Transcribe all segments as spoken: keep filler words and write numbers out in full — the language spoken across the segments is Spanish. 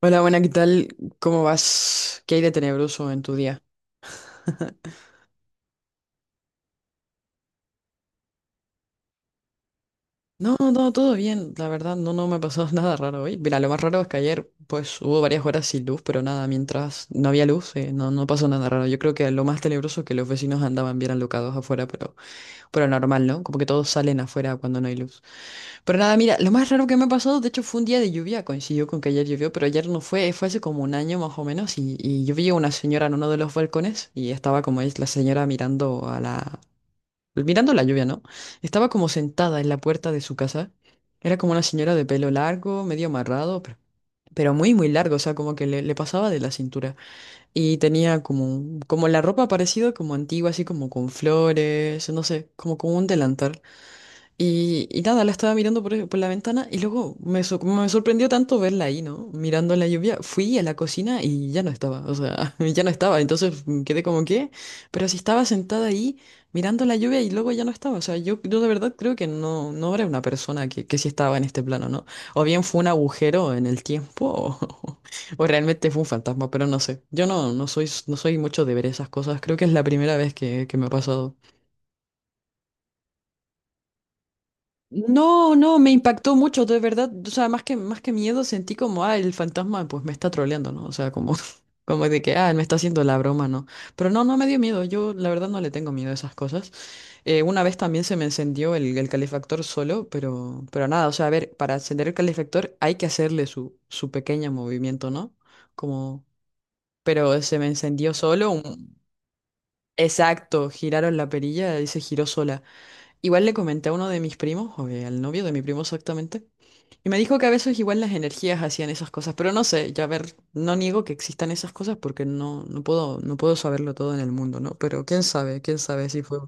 Hola, buena, ¿qué tal? ¿Cómo vas? ¿Qué hay de tenebroso en tu día? No, no, todo bien, la verdad, no, no me ha pasado nada raro hoy. Mira, lo más raro es que ayer, pues, hubo varias horas sin luz, pero nada, mientras no había luz, eh, no, no pasó nada raro. Yo creo que lo más tenebroso es que los vecinos andaban bien alocados afuera, pero, pero normal, ¿no? Como que todos salen afuera cuando no hay luz. Pero nada, mira, lo más raro que me ha pasado, de hecho, fue un día de lluvia, coincidió con que ayer llovió, pero ayer no fue, fue hace como un año más o menos, y, y yo vi a una señora en uno de los balcones, y estaba como es la señora mirando a la... mirando la lluvia, ¿no? Estaba como sentada en la puerta de su casa, era como una señora de pelo largo, medio amarrado, pero, pero muy, muy largo, o sea, como que le, le pasaba de la cintura, y tenía como, un- como la ropa parecida como antigua, así como con flores, no sé, como con un delantal. Y, y nada, la estaba mirando por, por la ventana y luego me, sor- me sorprendió tanto verla ahí, ¿no? Mirando la lluvia. Fui a la cocina y ya no estaba, o sea, ya no estaba. Entonces mm, quedé como que, pero si estaba sentada ahí mirando la lluvia y luego ya no estaba. O sea, yo, yo de verdad creo que no, no era una persona que, que sí estaba en este plano, ¿no? O bien fue un agujero en el tiempo o, o realmente fue un fantasma, pero no sé. Yo no, no soy, no soy mucho de ver esas cosas. Creo que es la primera vez que, que me ha pasado. No, no, me impactó mucho, de verdad. O sea, más que, más que miedo sentí como, ah, el fantasma pues me está troleando, ¿no? O sea, como, como de que, ah, me está haciendo la broma, ¿no? Pero no, no me dio miedo. Yo la verdad no le tengo miedo a esas cosas. Eh, una vez también se me encendió el, el calefactor solo, pero, pero nada, o sea, a ver, para encender el calefactor hay que hacerle su, su pequeño movimiento, ¿no? Como, pero se me encendió solo. un- Exacto, giraron la perilla y se giró sola. Igual le comenté a uno de mis primos, o eh, al novio de mi primo exactamente. Y me dijo que a veces igual las energías hacían esas cosas, pero no sé, ya a ver, no niego que existan esas cosas porque no, no puedo, no puedo saberlo todo en el mundo, ¿no? Pero quién sabe, quién sabe si fue.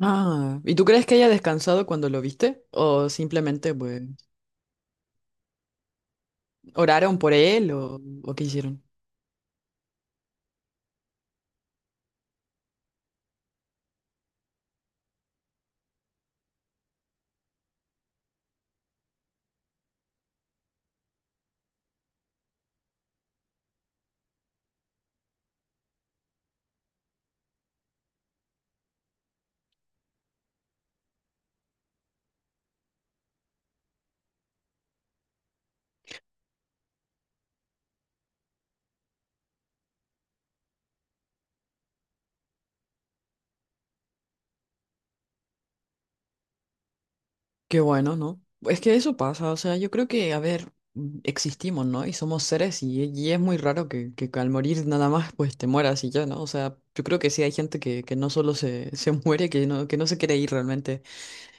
Ah, ¿y tú crees que haya descansado cuando lo viste? ¿O simplemente, pues, oraron por él o, o qué hicieron? Qué bueno, ¿no? Es que eso pasa, o sea, yo creo que, a ver, mm, existimos, ¿no? Y somos seres y, y es muy raro que, que al morir nada más, pues, te mueras y ya, ¿no? O sea, yo creo que sí hay gente que, que no solo se, se muere, que no, que no se quiere ir realmente.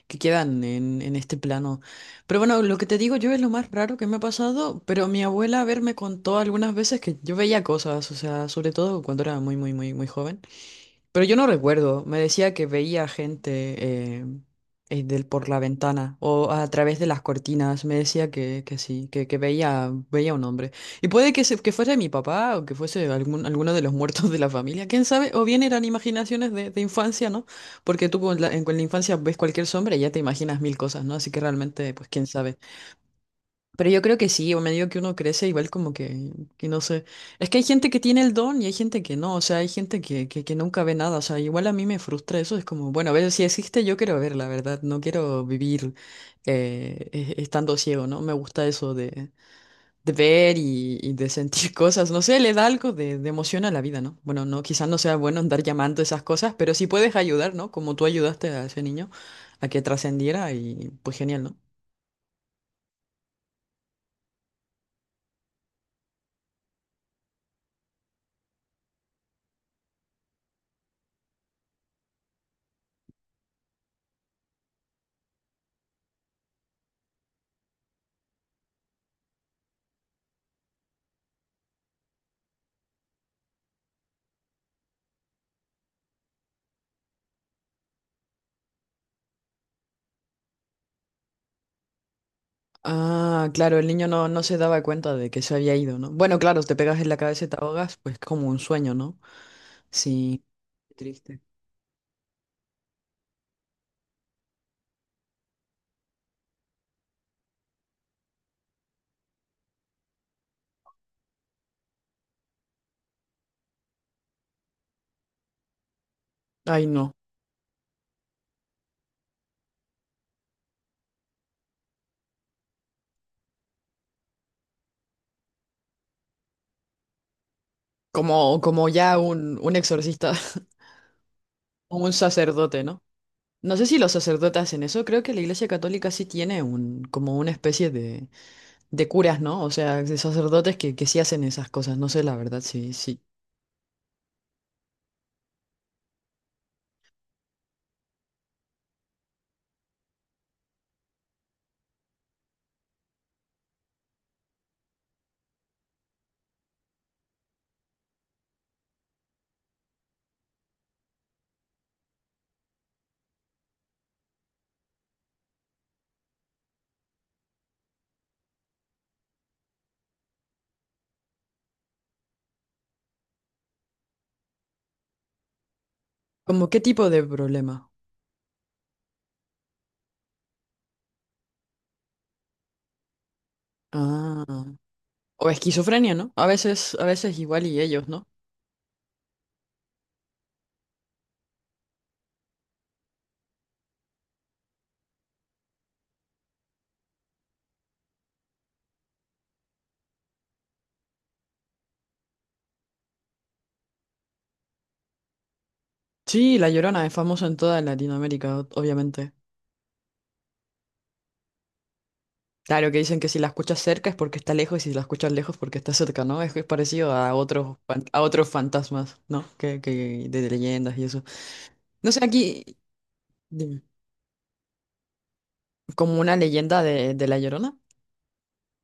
Que quedan en, en este plano. Pero bueno, lo que te digo yo es lo más raro que me ha pasado, pero mi abuela a ver me contó algunas veces que yo veía cosas, o sea, sobre todo cuando era muy, muy, muy, muy joven. Pero yo no recuerdo. Me decía que veía gente eh, eh, del, por la ventana o a través de las cortinas. Me decía que, que sí, que, que veía, veía un hombre. Y puede que, se- que fuese mi papá o que fuese algún, alguno de los muertos de la familia. ¿Quién sabe? O bien eran imaginaciones de, de infancia, ¿no? Porque tú con la- en, con la infancia ves cualquier sombra y ya te imaginas mil cosas, ¿no? Así que realmente, pues quién sabe. Pero yo creo que sí, o medio que uno crece igual como que, que no sé. Es que hay gente que tiene el don y hay gente que no, o sea, hay gente que, que, que nunca ve nada, o sea, igual a mí me frustra eso, es como, bueno, a ver, si existe yo quiero ver, la verdad, no quiero vivir eh, e- estando ciego, ¿no? Me gusta eso de, de ver y, y de sentir cosas, no sé, le da algo de, de emoción a la vida, ¿no? Bueno, no, quizás no sea bueno andar llamando esas cosas, pero si puedes ayudar, ¿no? Como tú ayudaste a ese niño a que trascendiera y pues genial, ¿no? Ah, claro, el niño no, no se daba cuenta de que se había ido, ¿no? Bueno, claro, si te pegas en la cabeza y te ahogas, pues como un sueño, ¿no? Sí, qué triste. Ay, no. Como, como ya un, un exorcista o un sacerdote, ¿no? No sé si los sacerdotes hacen eso, creo que la Iglesia Católica sí tiene un, como una especie de, de curas, ¿no? O sea, de sacerdotes que, que sí hacen esas cosas, no sé la verdad, sí, sí. ¿Como qué tipo de problema? Ah. O esquizofrenia, ¿no? A veces, a veces igual y ellos, ¿no? Sí, La Llorona es famosa en toda Latinoamérica, o- obviamente. Claro que dicen que si la escuchas cerca es porque está lejos y si la escuchas lejos porque está cerca, ¿no? Es que es parecido a otros fan- a otros fantasmas, ¿no? Que, que de leyendas y eso. No sé, aquí dime, como una leyenda de, de La Llorona.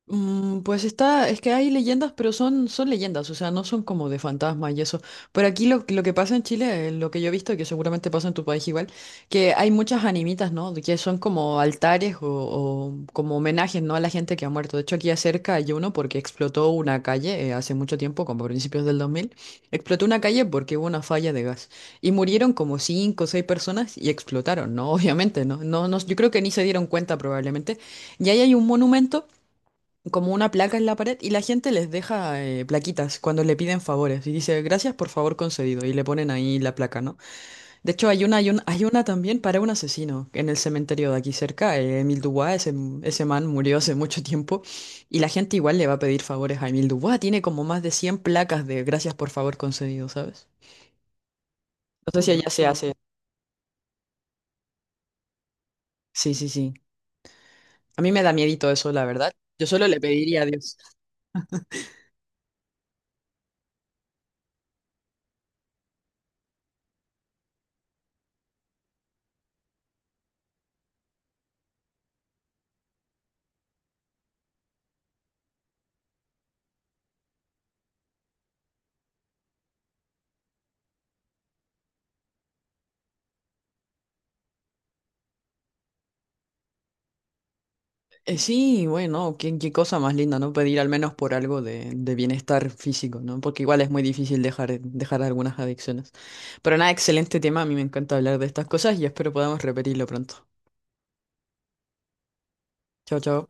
Mm, pues está, es que hay leyendas, pero son, son leyendas, o sea, no son como de fantasmas y eso. Por aquí lo, lo que pasa en Chile, eh, lo que yo he visto, que seguramente pasa en tu país igual, que hay muchas animitas, ¿no? Que son como altares o, o como homenajes, ¿no? A la gente que ha muerto. De hecho, aquí acerca hay uno porque explotó una calle eh, hace mucho tiempo, como a principios del dos mil. Explotó una calle porque hubo una falla de gas. Y murieron como cinco o seis personas y explotaron, ¿no? Obviamente, ¿no? No, no, yo creo que ni se dieron cuenta probablemente. Y ahí hay un monumento como una placa en la pared y la gente les deja eh, plaquitas cuando le piden favores y dice gracias por favor concedido y le ponen ahí la placa, ¿no? De hecho hay una, hay un- hay una también para un asesino en el cementerio de aquí cerca, eh, Emile Dubois, ese, ese man murió hace mucho tiempo y la gente igual le va a pedir favores a Emile Dubois, tiene como más de cien placas de gracias por favor concedido, ¿sabes? No sé si allá se hace. Sí, sí, sí. A mí me da miedito eso, la verdad. Yo solo le pediría a Dios. Eh, sí, bueno, qué, qué cosa más linda, ¿no? Pedir al menos por algo de, de bienestar físico, ¿no? Porque igual es muy difícil dejar, dejar algunas adicciones. Pero nada, excelente tema, a mí me encanta hablar de estas cosas y espero podamos repetirlo pronto. Chao, chao.